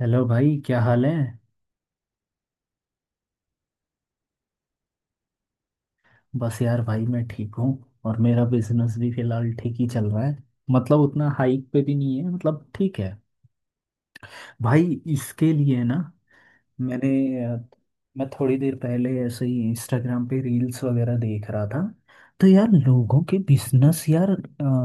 Hello भाई, क्या हाल है। बस यार भाई मैं ठीक हूँ। और मेरा बिजनेस भी फिलहाल ठीक ही चल रहा है। मतलब उतना हाइक पे भी नहीं है, मतलब ठीक है भाई। इसके लिए ना मैंने मैं थोड़ी देर पहले ऐसे ही इंस्टाग्राम पे रील्स वगैरह देख रहा था। तो यार लोगों के बिजनेस यार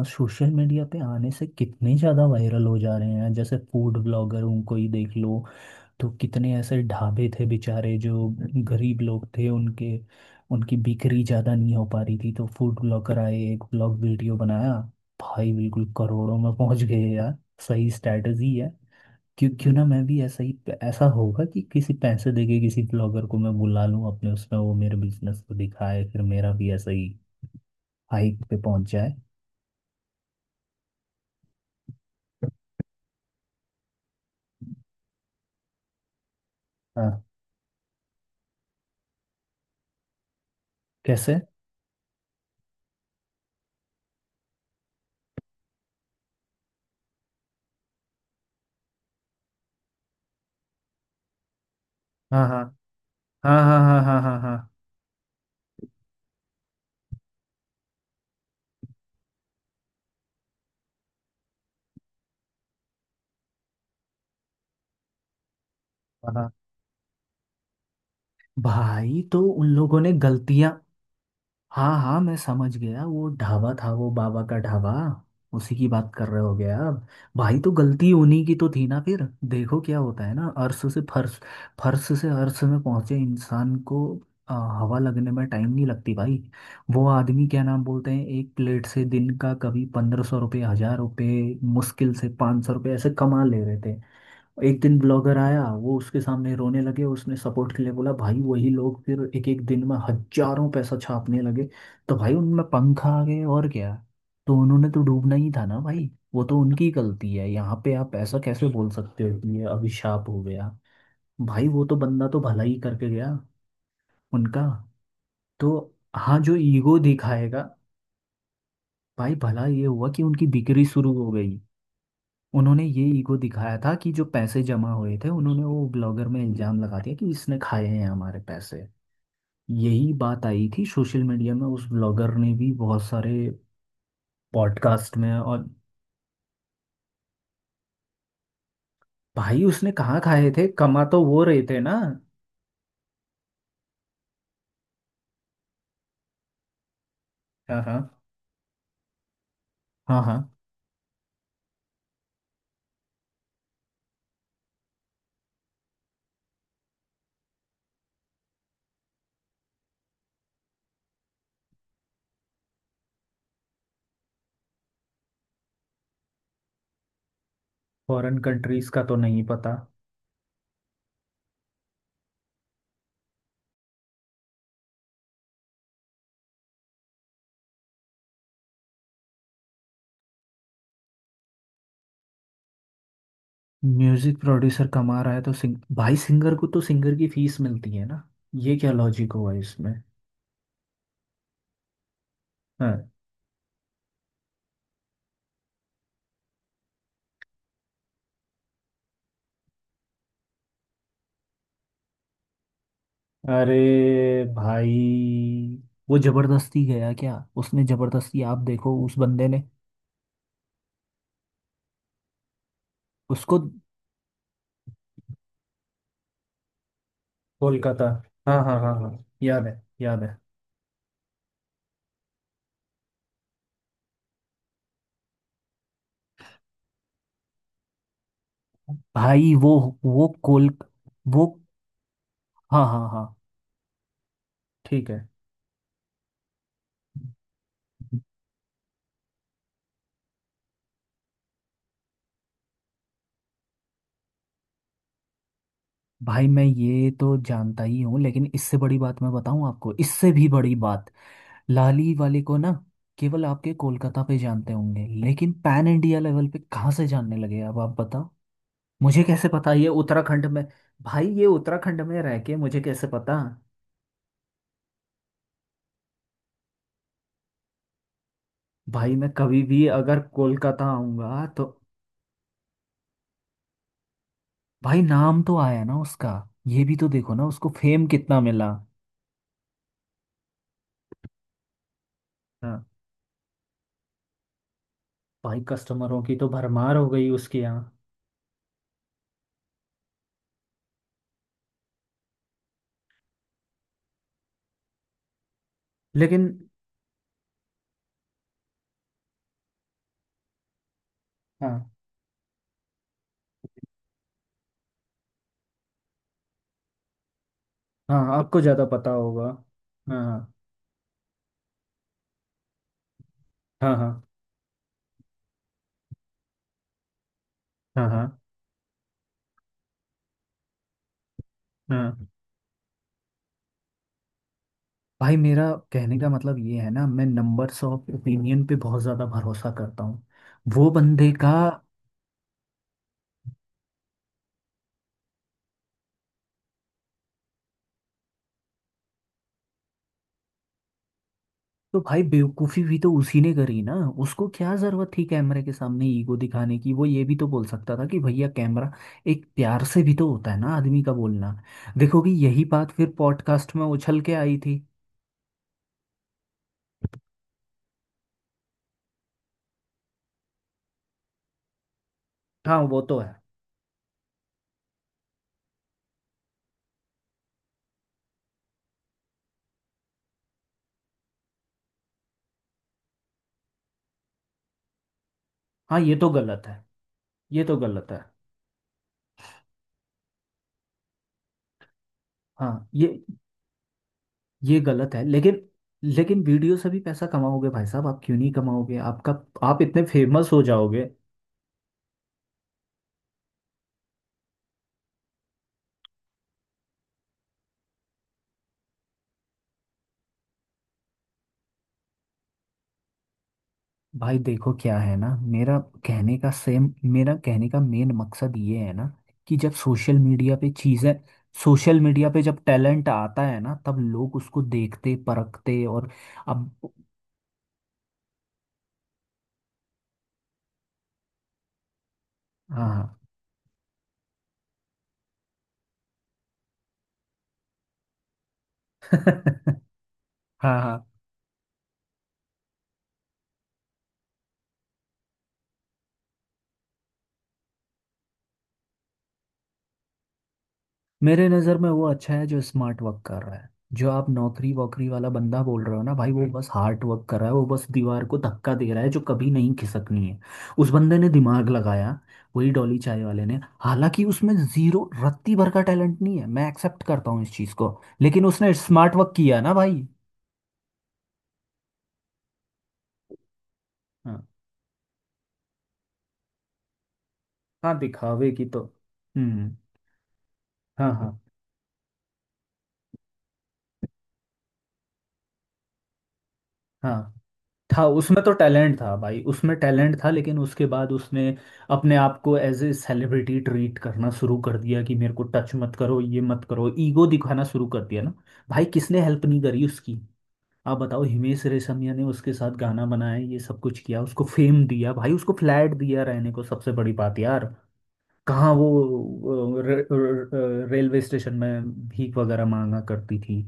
सोशल मीडिया पे आने से कितने ज़्यादा वायरल हो जा रहे हैं, जैसे फूड ब्लॉगर उनको ही देख लो। तो कितने ऐसे ढाबे थे बेचारे जो गरीब लोग थे, उनके उनकी बिक्री ज़्यादा नहीं हो पा रही थी, तो फूड ब्लॉगर आए, एक ब्लॉग वीडियो बनाया, भाई बिल्कुल करोड़ों में पहुंच गए यार। सही स्ट्रैटेजी है। क्यों क्यों ना मैं भी ऐसा ही, ऐसा होगा कि किसी पैसे देके किसी ब्लॉगर को मैं बुला लूं, अपने उसमें वो मेरे बिजनेस को दिखाए, फिर मेरा भी ऐसा ही हाइक पे पहुंच जाए। हाँ। कैसे? हाँ हाँ हाँ हाँ हाँ हाँ। हाँ हाँ। भाई तो उन लोगों ने गलतियां। हाँ हाँ, मैं समझ गया, वो ढाबा था, वो बाबा का ढाबा। उसी की बात कर रहे हो गया आप? भाई तो गलती उन्हीं की तो थी ना फिर। देखो क्या होता है ना, अर्श से फर्श, फर्श से अर्श में पहुंचे इंसान को आ, हवा लगने में टाइम नहीं लगती भाई। वो आदमी क्या नाम बोलते हैं, एक प्लेट से दिन का कभी 1500 रुपये, 1000 रुपये, मुश्किल से 500 रुपये ऐसे कमा ले रहे थे। एक दिन ब्लॉगर आया, वो उसके सामने रोने लगे, उसने सपोर्ट के लिए बोला, भाई वही लोग फिर एक एक दिन में हजारों पैसा छापने लगे। तो भाई उनमें पंख आ गए और क्या। तो उन्होंने तो डूबना ही था ना भाई। वो तो उनकी गलती है, यहाँ पे आप ऐसा कैसे बोल सकते हो कि ये अभिशाप हो गया। भाई वो तो बंदा तो भला ही करके गया उनका। तो हाँ, जो ईगो दिखाएगा। भाई भला ये हुआ कि उनकी बिक्री शुरू हो गई। उन्होंने ये ईगो दिखाया था कि जो पैसे जमा हुए थे, उन्होंने वो ब्लॉगर में इल्जाम लगा दिया कि इसने खाए हैं हमारे पैसे। यही बात आई थी सोशल मीडिया में, उस ब्लॉगर ने भी बहुत सारे पॉडकास्ट में और। भाई उसने कहाँ खाए थे, कमा तो वो रहे थे ना। हाँ हाँ हाँ हाँ। फॉरेन कंट्रीज का तो नहीं पता। म्यूजिक प्रोड्यूसर कमा रहा है तो सिंग भाई सिंगर को तो सिंगर की फीस मिलती है ना, ये क्या लॉजिक हुआ इसमें। हाँ। अरे भाई वो जबरदस्ती गया क्या, उसने जबरदस्ती, आप देखो उस बंदे ने, उसको। कोलकाता? हाँ हाँ हाँ हाँ, याद है याद है। भाई वो कोल वो। हाँ हाँ हाँ। ठीक है। भाई मैं ये तो जानता ही हूँ, लेकिन इससे बड़ी बात मैं बताऊँ आपको, इससे भी बड़ी बात, लाली वाले को ना केवल आपके कोलकाता पे जानते होंगे, लेकिन पैन इंडिया लेवल पे कहाँ से जानने लगे, अब आप बताओ। मुझे कैसे पता ये उत्तराखंड में। भाई ये उत्तराखंड में रह के मुझे कैसे पता। भाई मैं कभी भी अगर कोलकाता आऊंगा तो। भाई नाम तो आया ना उसका, ये भी तो देखो ना उसको फेम कितना मिला। हाँ। भाई कस्टमरों की तो भरमार हो गई उसके यहाँ। लेकिन। हाँ हाँ, आपको ज़्यादा पता होगा। हाँ हाँ। हाँ हाँ हाँ हाँ। भाई मेरा कहने का मतलब ये है ना, मैं नंबर्स ऑफ ओपिनियन पे बहुत ज़्यादा भरोसा करता हूँ वो बंदे का। तो भाई बेवकूफी भी तो उसी ने करी ना। उसको क्या जरूरत थी कैमरे के सामने ईगो दिखाने की। वो ये भी तो बोल सकता था कि भैया कैमरा, एक प्यार से भी तो होता है ना आदमी का बोलना। देखो कि यही बात फिर पॉडकास्ट में उछल के आई थी। हाँ वो तो है। हाँ ये तो गलत है, ये तो गलत है। हाँ ये गलत है, लेकिन। लेकिन वीडियो से भी पैसा कमाओगे भाई साहब, आप क्यों नहीं कमाओगे आपका, आप इतने फेमस हो जाओगे। भाई देखो क्या है ना, मेरा कहने का मेन मकसद ये है ना कि जब सोशल मीडिया पे चीज़ें, सोशल मीडिया पे जब टैलेंट आता है ना, तब लोग उसको देखते परखते और अब। हाँ। हाँ हाँ। मेरे नज़र में वो अच्छा है जो स्मार्ट वर्क कर रहा है। जो आप नौकरी वोकरी वाला बंदा बोल रहे हो ना भाई, वो बस हार्ड वर्क कर रहा है, वो बस दीवार को धक्का दे रहा है जो कभी नहीं खिसकनी है। उस बंदे ने दिमाग लगाया, वही डॉली चाय वाले ने, हालांकि उसमें जीरो रत्ती भर का टैलेंट नहीं है, मैं एक्सेप्ट करता हूँ इस चीज़ को, लेकिन उसने स्मार्ट वर्क किया ना भाई। हाँ। हाँ दिखावे की तो। हम्म। हाँ हाँ। हाँ था, उसमें तो टैलेंट था भाई, उसमें टैलेंट था, लेकिन उसके बाद उसने अपने आप को एज ए सेलिब्रिटी ट्रीट करना शुरू कर दिया कि मेरे को टच मत करो, ये मत करो, ईगो दिखाना शुरू कर दिया ना। भाई किसने हेल्प नहीं करी उसकी, आप बताओ। हिमेश रेशमिया ने उसके साथ गाना बनाया, ये सब कुछ किया, उसको फेम दिया, भाई उसको फ्लैट दिया रहने को। सबसे बड़ी बात यार, कहाँ वो रेलवे स्टेशन में भीख वगैरह मांगा करती थी।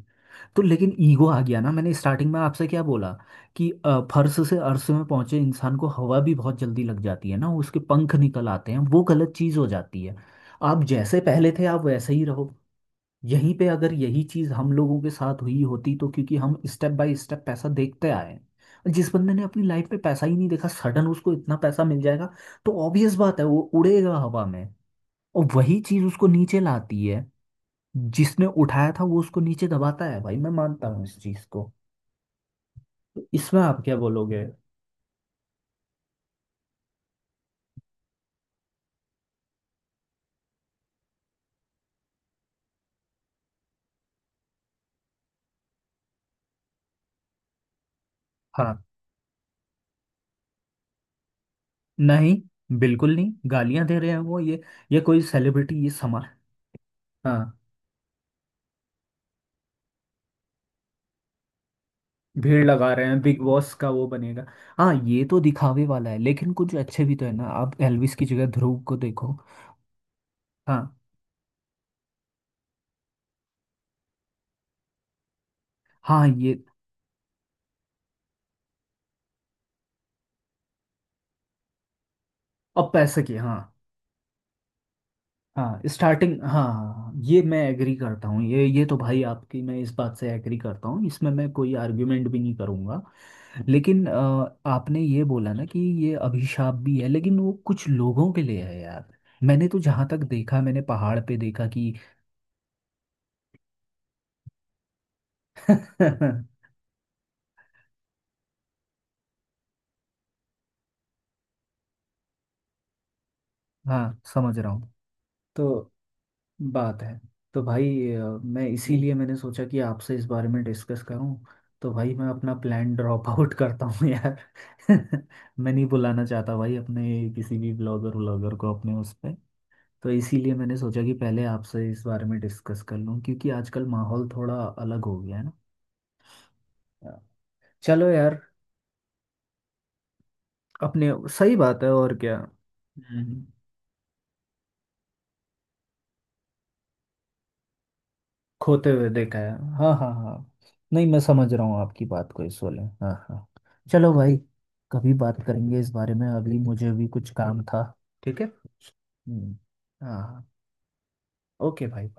तो लेकिन ईगो आ गया ना। मैंने स्टार्टिंग में आपसे क्या बोला कि फर्श से अर्श में पहुंचे इंसान को हवा भी बहुत जल्दी लग जाती है ना, उसके पंख निकल आते हैं, वो गलत चीज हो जाती है। आप जैसे पहले थे आप वैसे ही रहो। यहीं पे अगर यही चीज हम लोगों के साथ हुई होती तो, क्योंकि हम स्टेप बाय स्टेप पैसा देखते आए हैं। जिस बंदे ने अपनी लाइफ में पैसा ही नहीं देखा, सडन उसको इतना पैसा मिल जाएगा, तो ऑब्वियस बात है वो उड़ेगा हवा में। और वही चीज उसको नीचे लाती है, जिसने उठाया था वो उसको नीचे दबाता है। भाई मैं मानता हूँ इस चीज को। तो इसमें आप क्या बोलोगे। हाँ। नहीं, बिल्कुल नहीं, गालियां दे रहे हैं वो, ये कोई सेलिब्रिटी, ये समा। हाँ, भीड़ लगा रहे हैं, बिग बॉस का वो बनेगा। हाँ, ये तो दिखावे वाला है, लेकिन कुछ अच्छे भी तो है ना, आप एल्विस की जगह ध्रुव को देखो। हाँ हाँ ये, अब पैसे की, हाँ। हाँ स्टार्टिंग, हाँ हाँ, ये मैं एग्री करता हूँ, ये तो भाई आपकी मैं इस बात से एग्री करता हूँ, इसमें मैं कोई आर्ग्यूमेंट भी नहीं करूँगा। लेकिन आपने ये बोला ना कि ये अभिशाप भी है, लेकिन वो कुछ लोगों के लिए है यार। मैंने तो जहाँ तक देखा, मैंने पहाड़ पे देखा कि हाँ समझ रहा हूँ। तो बात है। तो भाई, मैं इसीलिए मैंने सोचा कि आपसे इस बारे में डिस्कस करूं। तो भाई मैं अपना प्लान ड्रॉप आउट करता हूँ यार। मैं नहीं बुलाना चाहता भाई अपने किसी भी ब्लॉगर व्लॉगर को अपने उस पे। तो इसीलिए मैंने सोचा कि पहले आपसे इस बारे में डिस्कस कर लूं, क्योंकि आजकल माहौल थोड़ा अलग हो गया है ना। चलो यार। अपने सही बात है, और क्या। हम्म। खोते हुए देखा है। हाँ हाँ हाँ। नहीं, मैं समझ रहा हूँ आपकी बात को इस वाले, हाँ हाँ। चलो भाई, कभी बात करेंगे इस बारे में, अभी मुझे भी कुछ काम था। ठीक है। हम्म। हाँ, ओके भाई।